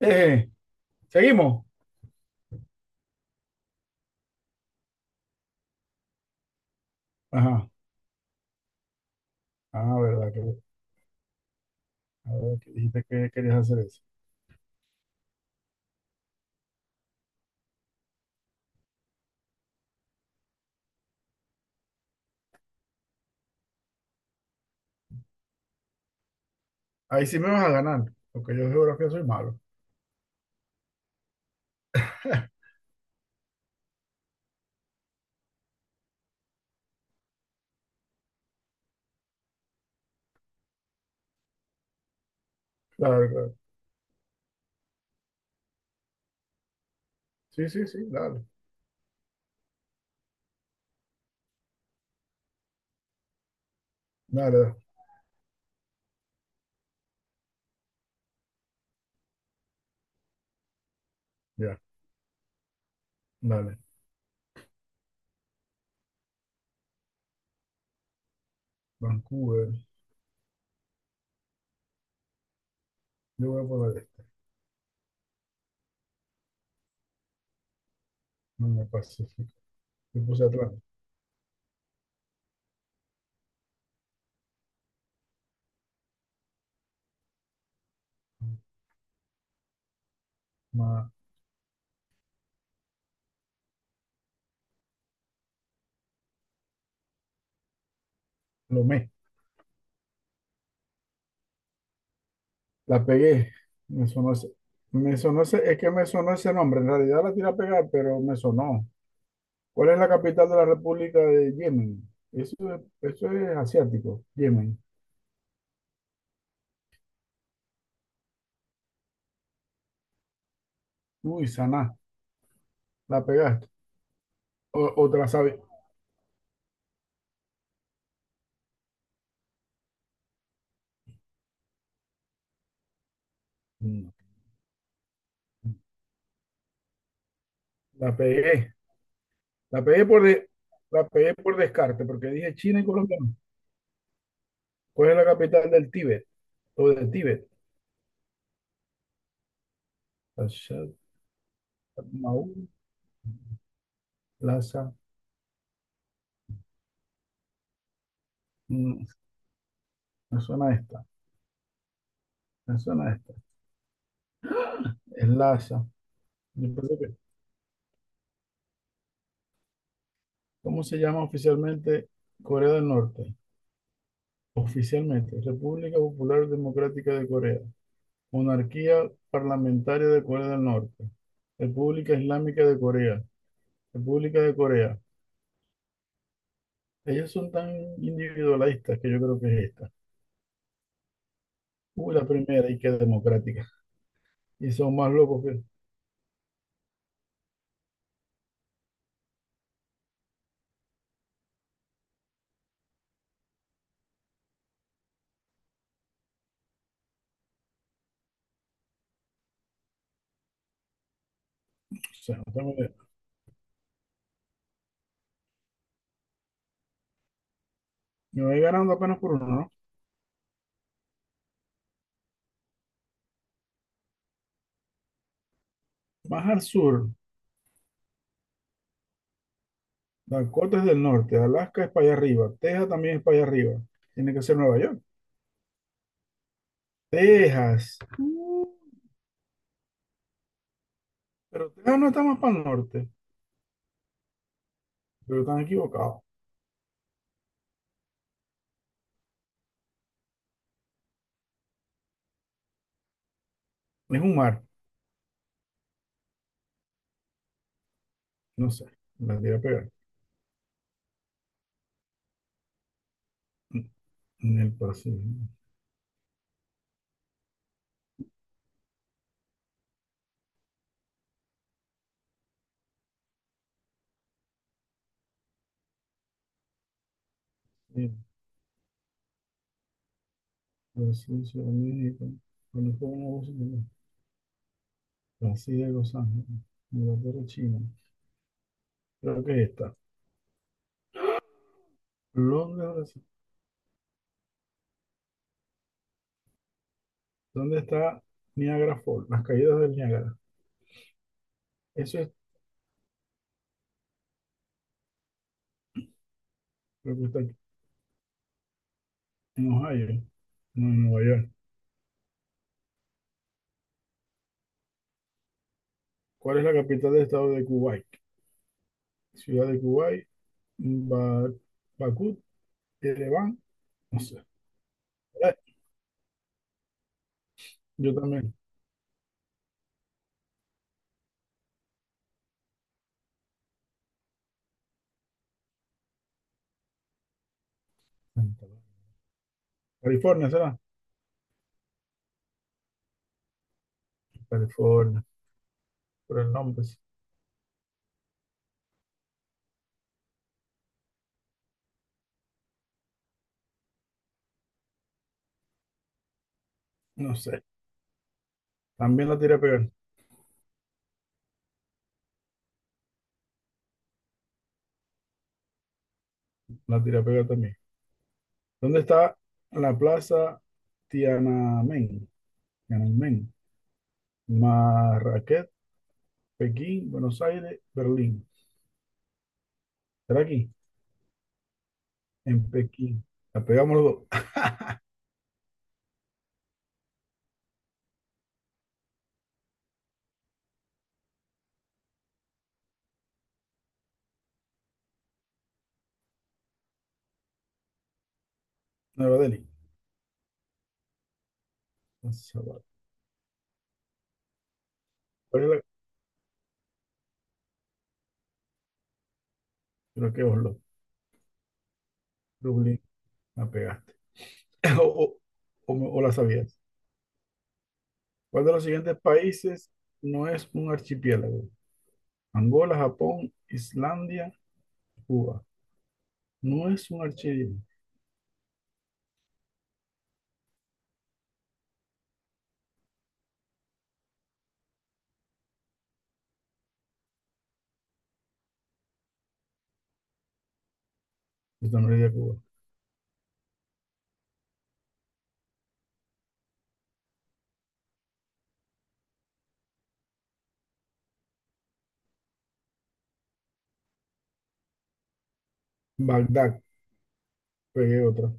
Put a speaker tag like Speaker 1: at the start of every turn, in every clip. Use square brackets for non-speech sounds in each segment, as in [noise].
Speaker 1: Eh, Seguimos. Ajá. Ah, verdad que, ah, verdad que dijiste que querías hacer eso. Ahí sí me vas a ganar, porque yo de geografía soy malo. [laughs] Claro, claro. Sí, sí, sí, dale. Dale, dale. Ya, dale. Vancouver. Yo voy a poner esto. No me Pacífico. Yo puse Atlántico. Ma- Lomé. La pegué. Me sonó ese. Me sonó ese. Es que me sonó ese nombre. En realidad la tiré a pegar, pero me sonó. ¿Cuál es la capital de la República de Yemen? Eso es, eso es asiático. Yemen. Uy, saná, la pegaste. O te la sabes. No, la pegué. La pegué por de- la pegué por descarte, porque dije China y Colombia. No. ¿Cuál es la capital del Tíbet? O del Tíbet. Lhasa, Lhasa. Mm, Me suena esta. Me suena esta. Es Lhasa. Yo pensé que- ¿Cómo se llama oficialmente Corea del Norte? Oficialmente, República Popular Democrática de Corea. Monarquía Parlamentaria de Corea del Norte. República Islámica de Corea. República de Corea. Ellos son tan individualistas que yo creo que es esta. Uy, la primera y que es democrática. Y son más locos que. O sea, no tengo idea. Me voy ganando apenas por uno, ¿no? Más al sur, Dakota es del norte, Alaska es para allá arriba, Texas también es para allá arriba. Tiene que ser Nueva York. Texas. Pero Texas no está más para el norte, pero están equivocados. Es un mar, no sé. La voy a pegar. En el Pacífico. Sí, Brasil, Ciudad de México. California, Washington, Brasil, Los Ángeles. Inglaterra, China. Creo que ahí está. Londres, Brasil. ¿Dónde está Niagara Falls? Las caídas del Niágara. Eso es lo que está aquí, en Ohio, no en Nueva York. ¿Cuál es la capital del estado de Kuwait? Ciudad de Kuwait, Ba- Bakú, Ereván, no sé. Eh, Yo también. California, ¿será? California, por el nombre, sí. No sé. También la tira a pegar, la tira a pegar también. ¿Dónde está la plaza Tiananmen? Tiananmen, Marrakech, Pekín, Buenos Aires, Berlín. ¿Será aquí? En Pekín. La pegamos los dos. Nueva Delhi. Sabah. ¿Cuál es la- Creo que Oslo. Dublín. La pegaste. [laughs] O, o- o la sabías. ¿Cuál de los siguientes países no es un archipiélago? Angola, Japón, Islandia, Cuba. No es un archipiélago. Esta no es de Cuba. Bagdad. Pegué otra.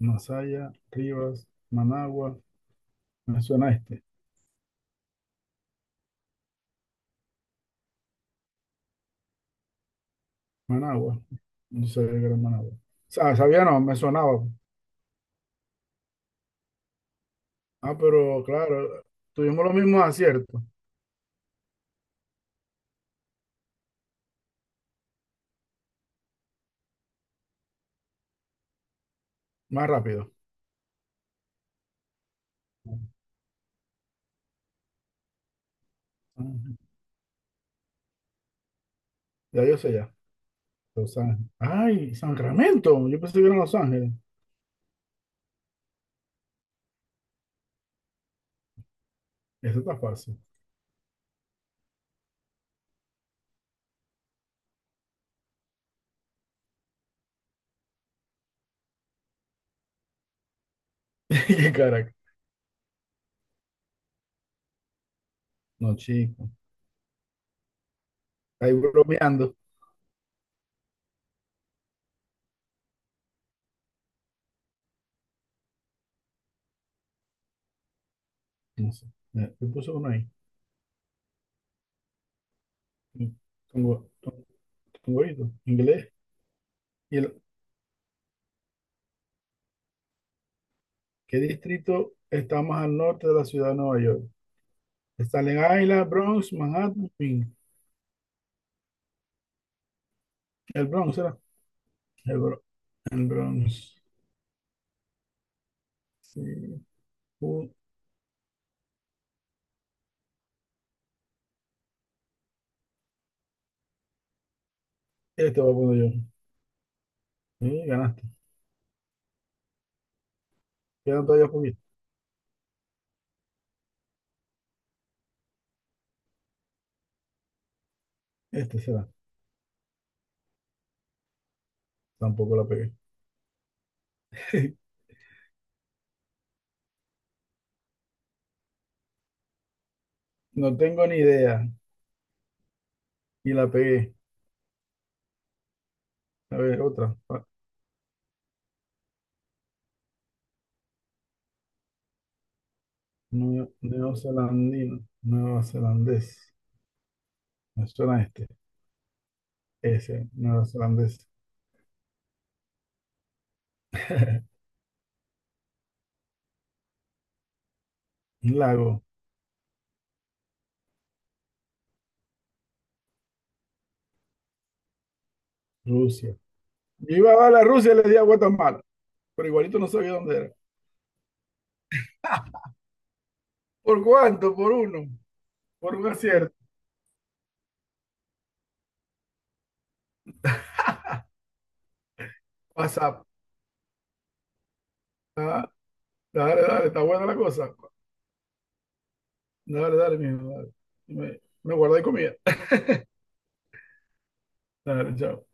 Speaker 1: Masaya, Rivas, Managua. Me suena este. Managua. No sabía que era Managua. O sea, sabía, no, me sonaba. Ah, pero claro, tuvimos los mismos aciertos, más rápido. Ya yo sé ya, Los Ángeles. Ay, Sacramento, yo pensé que eran Los Ángeles. Eso está fácil. [laughs] Qué caraca. No, chico. Ahí bromeando. No sé. Mira, yo puse uno ahí. Tengo, inglés. ¿Y qué distrito está más al norte de la ciudad de Nueva York? Staten Island, Bronx, Manhattan, Queens. El Bronx era. El, Bro- el Bronx. Sí. Uh, Este voy a poner yo. Sí, ganaste. Quedan todavía poquito. Este será. Tampoco la pegué. [laughs] No tengo ni idea. Y la pegué. A ver, otra. Neozelandino. Neozelandés. Me suena este. Ese. Neozelandés. Un lago. Rusia. Yo iba a dar a Rusia y le di a Guatemala. Pero igualito no sabía dónde era. ¿Por cuánto? Por uno. Por un acierto. WhatsApp. Ah, dale, dale. Está buena la cosa. Dale, dale, mijo. Dale. Me guardé comida. Dale, chao.